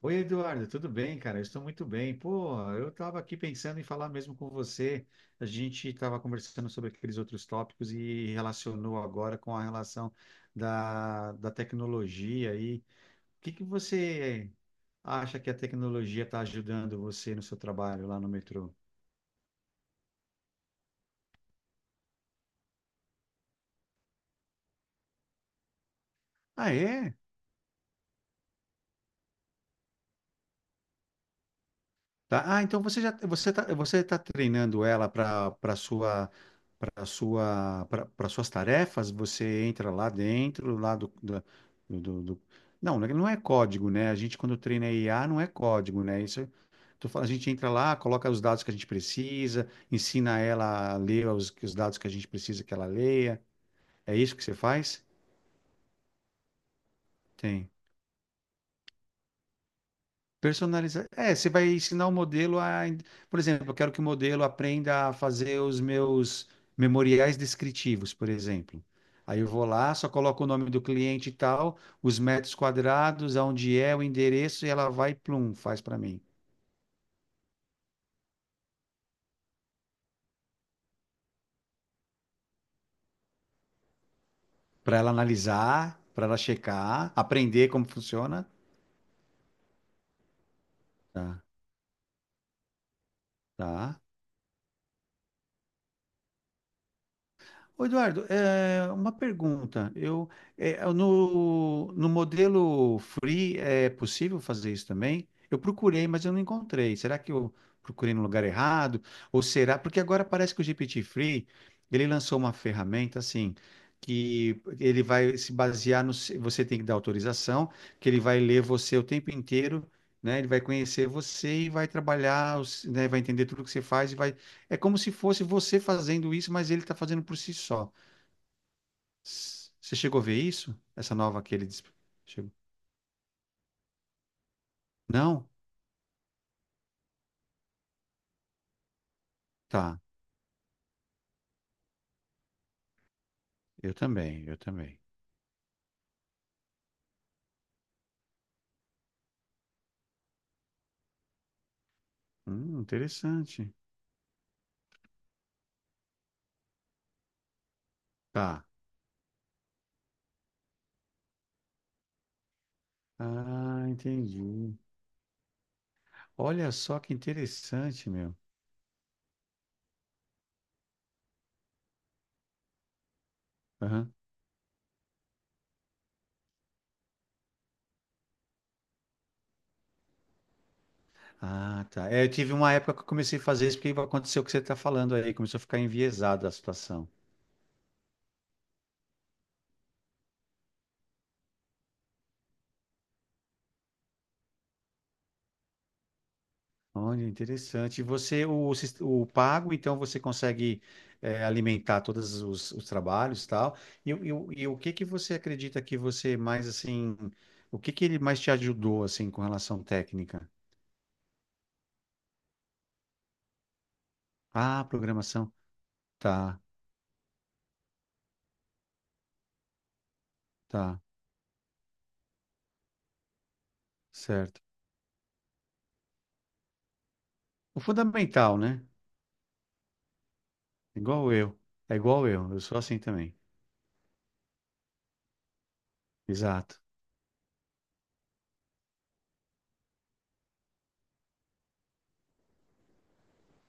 Oi, Eduardo, tudo bem, cara? Eu estou muito bem. Pô, eu estava aqui pensando em falar mesmo com você. A gente estava conversando sobre aqueles outros tópicos e relacionou agora com a relação da tecnologia. E o que que você acha que a tecnologia está ajudando você no seu trabalho lá no metrô? Ah, é? Tá? Ah, então você tá treinando ela para suas tarefas, você entra lá dentro, lá do, do, do, do- não, né, não é código, né? A gente quando treina IA não é código, né? Isso tô falando, a gente entra lá, coloca os dados que a gente precisa, ensina ela a ler os dados que a gente precisa que ela leia. É isso que você faz? Personalizar. É, você vai ensinar o modelo a. Por exemplo, eu quero que o modelo aprenda a fazer os meus memoriais descritivos, por exemplo. Aí eu vou lá, só coloco o nome do cliente e tal, os metros quadrados, aonde é, o endereço, e ela vai, plum, faz para mim. Para ela analisar, para ela checar, aprender como funciona. Tá, tá. Ô, Eduardo, é, uma pergunta. Eu, é, no, no modelo free é possível fazer isso também? Eu procurei, mas eu não encontrei. Será que eu procurei no lugar errado? Ou será? Porque agora parece que o GPT Free, ele lançou uma ferramenta assim, que ele vai se basear no. Você tem que dar autorização, que ele vai ler você o tempo inteiro. Né, ele vai conhecer você e vai trabalhar, né, vai entender tudo que você faz e vai é como se fosse você fazendo isso, mas ele está fazendo por si só. Você chegou a ver isso? Essa nova que ele chegou? Não? Tá. Eu também, eu também. Interessante. Tá. Ah, entendi. Olha só que interessante, meu. Aham. Ah, tá. É, eu tive uma época que eu comecei a fazer isso porque aconteceu o que você está falando aí. Começou a ficar enviesada a situação. Olha, interessante. E você, o pago, então você consegue alimentar todos os trabalhos e tal. E o que que você acredita que você mais, assim, o que que ele mais te ajudou, assim, com relação técnica? Ah, programação. Tá, tá, certo. O fundamental, né? Igual eu. É igual eu. Eu sou assim também. Exato.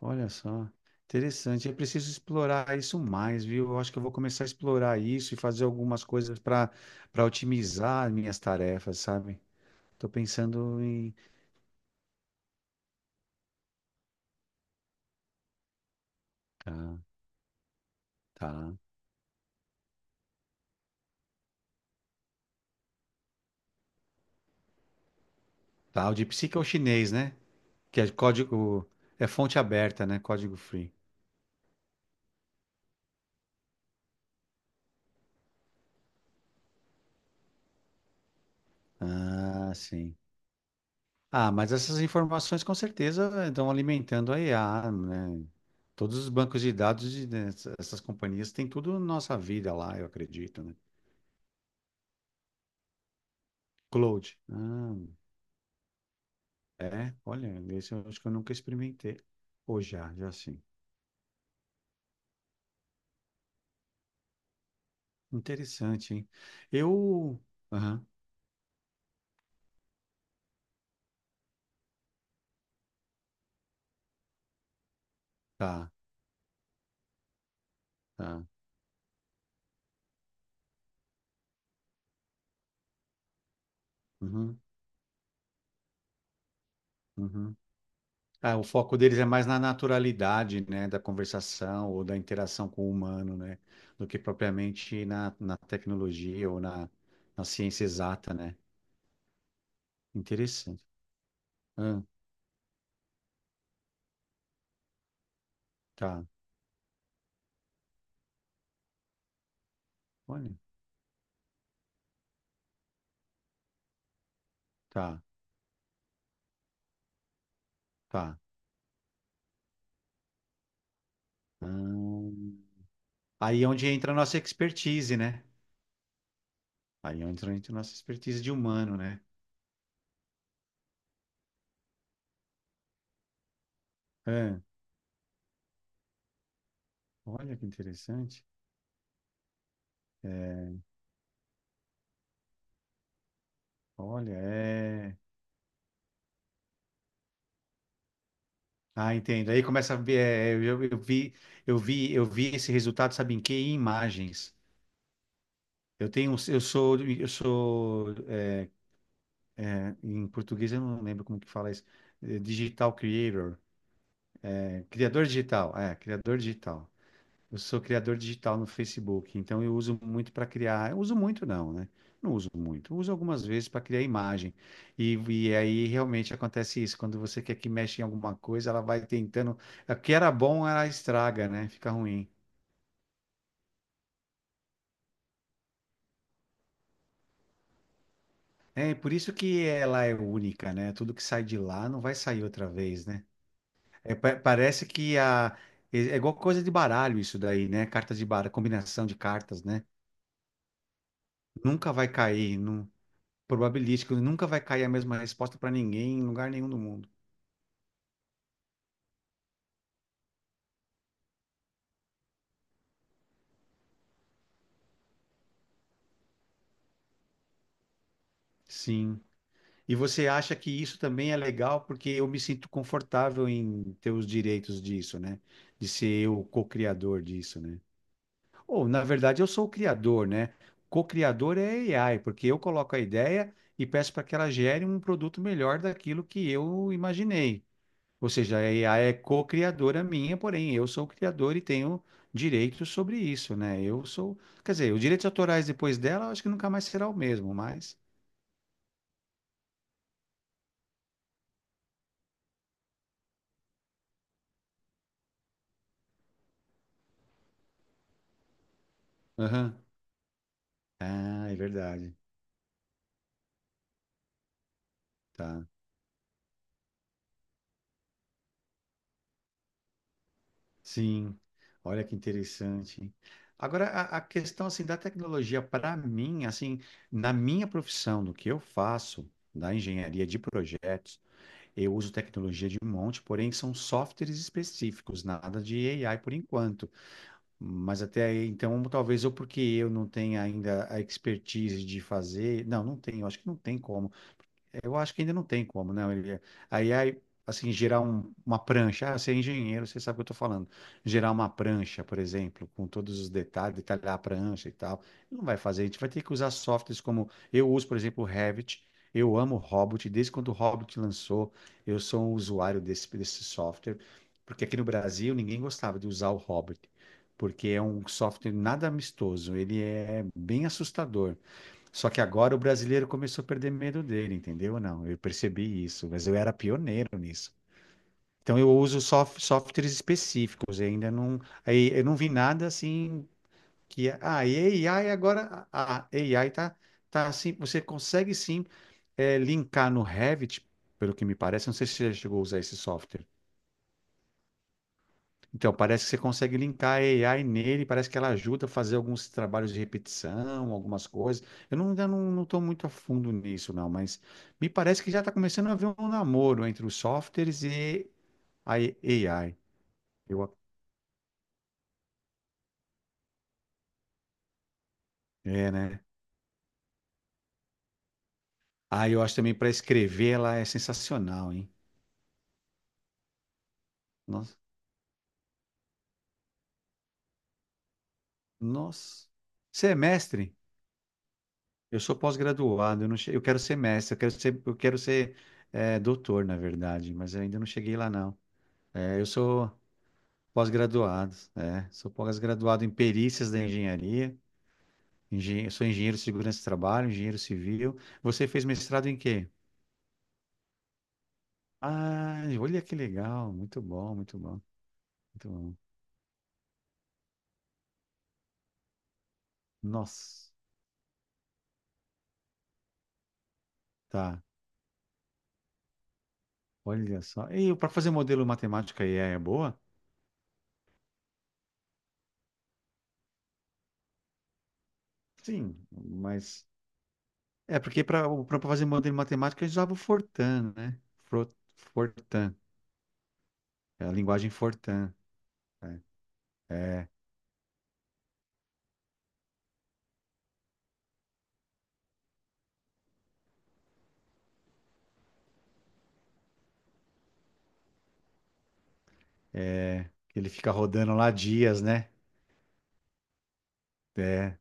Olha só, interessante. É preciso explorar isso mais, viu? Eu acho que eu vou começar a explorar isso e fazer algumas coisas para otimizar minhas tarefas, sabe? Tô pensando em. Tá, tá. Tá, o de psique é o chinês, né? Que é código. É fonte aberta, né? Código free. Ah, sim. Ah, mas essas informações com certeza estão alimentando a IA, né? Todos os bancos de dados dessas companhias têm tudo nossa vida lá, eu acredito, né? Cloud. Ah. É, olha, esse eu acho que eu nunca experimentei. Ou já, já sim. Interessante, hein? Eu. Aham, tá, tá. Uhum, uhum. Ah, o foco deles é mais na naturalidade, né, da conversação ou da interação com o humano, né, do que propriamente na tecnologia ou na ciência exata, né? Interessante. Ah, tá, olha, tá, tá. Hum. Aí é onde entra a nossa expertise, né? Aí é onde entra a nossa expertise de humano, né? Olha que interessante. É, olha, é. Ah, entendo. Aí começa a ver. É, eu vi esse resultado, sabe em quê? Em imagens. Eu sou, em português eu não lembro como que fala isso. É, Digital creator, é, criador digital. É, criador digital. Eu sou criador digital no Facebook, então eu uso muito para criar. Eu uso muito, não, né? Não uso muito. Uso algumas vezes para criar imagem. E aí realmente acontece isso. Quando você quer que mexa em alguma coisa, ela vai tentando. O que era bom, ela estraga, né? Fica ruim. É por isso que ela é única, né? Tudo que sai de lá não vai sair outra vez, né? É, parece que a. É igual coisa de baralho isso daí, né? Cartas de baralho, combinação de cartas, né? Nunca vai cair. Probabilístico, nunca vai cair a mesma resposta para ninguém em lugar nenhum do mundo. Sim. E você acha que isso também é legal porque eu me sinto confortável em ter os direitos disso, né? De ser eu o co-criador disso, né? Ou, na verdade, eu sou o criador, né? Co-criador é AI, porque eu coloco a ideia e peço para que ela gere um produto melhor daquilo que eu imaginei. Ou seja, a IA é co-criadora minha, porém eu sou o criador e tenho direitos sobre isso, né? Eu sou, quer dizer, os direitos autorais depois dela, eu acho que nunca mais será o mesmo, mas. Aham. Ah, é verdade. Tá. Sim. Olha que interessante, hein? Agora, a questão assim da tecnologia para mim, assim, na minha profissão, no que eu faço, da engenharia de projetos, eu uso tecnologia de um monte, porém são softwares específicos, nada de AI por enquanto. Mas até aí, então, talvez eu, porque eu não tenha ainda a expertise de fazer. Não, não tenho, acho que não tem como. Eu acho que ainda não tem como, né? Ele, aí, assim, gerar uma prancha. Ah, você é engenheiro, você sabe o que eu estou falando. Gerar uma prancha, por exemplo, com todos os detalhes, detalhar a prancha e tal. Não vai fazer. A gente vai ter que usar softwares como. Eu uso, por exemplo, o Revit. Eu amo o Hobbit. Desde quando o Hobbit lançou, eu sou um usuário desse software. Porque aqui no Brasil, ninguém gostava de usar o Hobbit. Porque é um software nada amistoso. Ele é bem assustador. Só que agora o brasileiro começou a perder medo dele, entendeu? Não, eu percebi isso, mas eu era pioneiro nisso. Então eu uso softwares específicos, eu ainda não, aí eu não vi nada assim que é, ah, e AI agora, a AI tá assim, você consegue sim linkar no Revit, pelo que me parece, não sei se você já chegou a usar esse software. Então, parece que você consegue linkar a AI nele, parece que ela ajuda a fazer alguns trabalhos de repetição, algumas coisas. Eu não, ainda não estou muito a fundo nisso, não, mas me parece que já está começando a haver um namoro entre os softwares e a AI. Eu, ac- É, né? Ah, eu acho também para escrever ela é sensacional, hein? Nossa, nossa. Você é mestre? Eu sou pós-graduado, eu, não che- eu quero ser mestre, eu quero ser doutor, na verdade, mas eu ainda não cheguei lá, não. É, eu sou. Pós-graduados, é. Sou pós-graduado em perícias da engenharia. Sou engenheiro de segurança do trabalho, engenheiro civil. Você fez mestrado em quê? Ah, olha que legal. Muito bom, muito bom, muito bom. Nossa, tá. Olha só. E para fazer modelo matemática IA é boa? Sim, mas é porque para fazer modelo matemática a gente usava o Fortran, né? Fro- Fortran, é a linguagem Fortran. Ele fica rodando lá dias, né? É.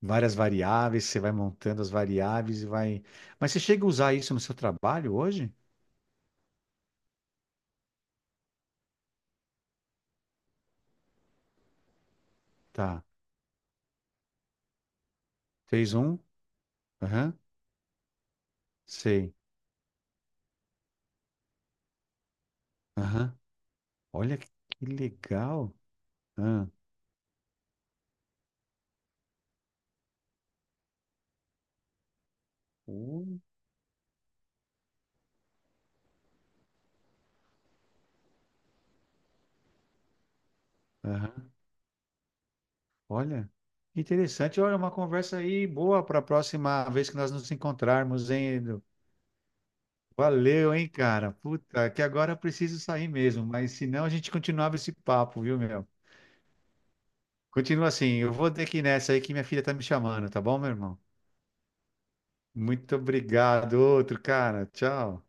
Várias variáveis, você vai montando as variáveis e vai. Mas você chega a usar isso no seu trabalho hoje? Tá. Fez um? Aham. Sei. Aham. Olha que legal. Ah. Uh, Aham. Olha. Interessante. Olha, uma conversa aí boa para a próxima vez que nós nos encontrarmos, hein? Edu? Valeu, hein, cara? Puta, que agora eu preciso sair mesmo, mas senão a gente continuava esse papo, viu, meu? Continua assim. Eu vou ter que ir nessa aí que minha filha tá me chamando, tá bom, meu irmão? Muito obrigado, outro cara. Tchau.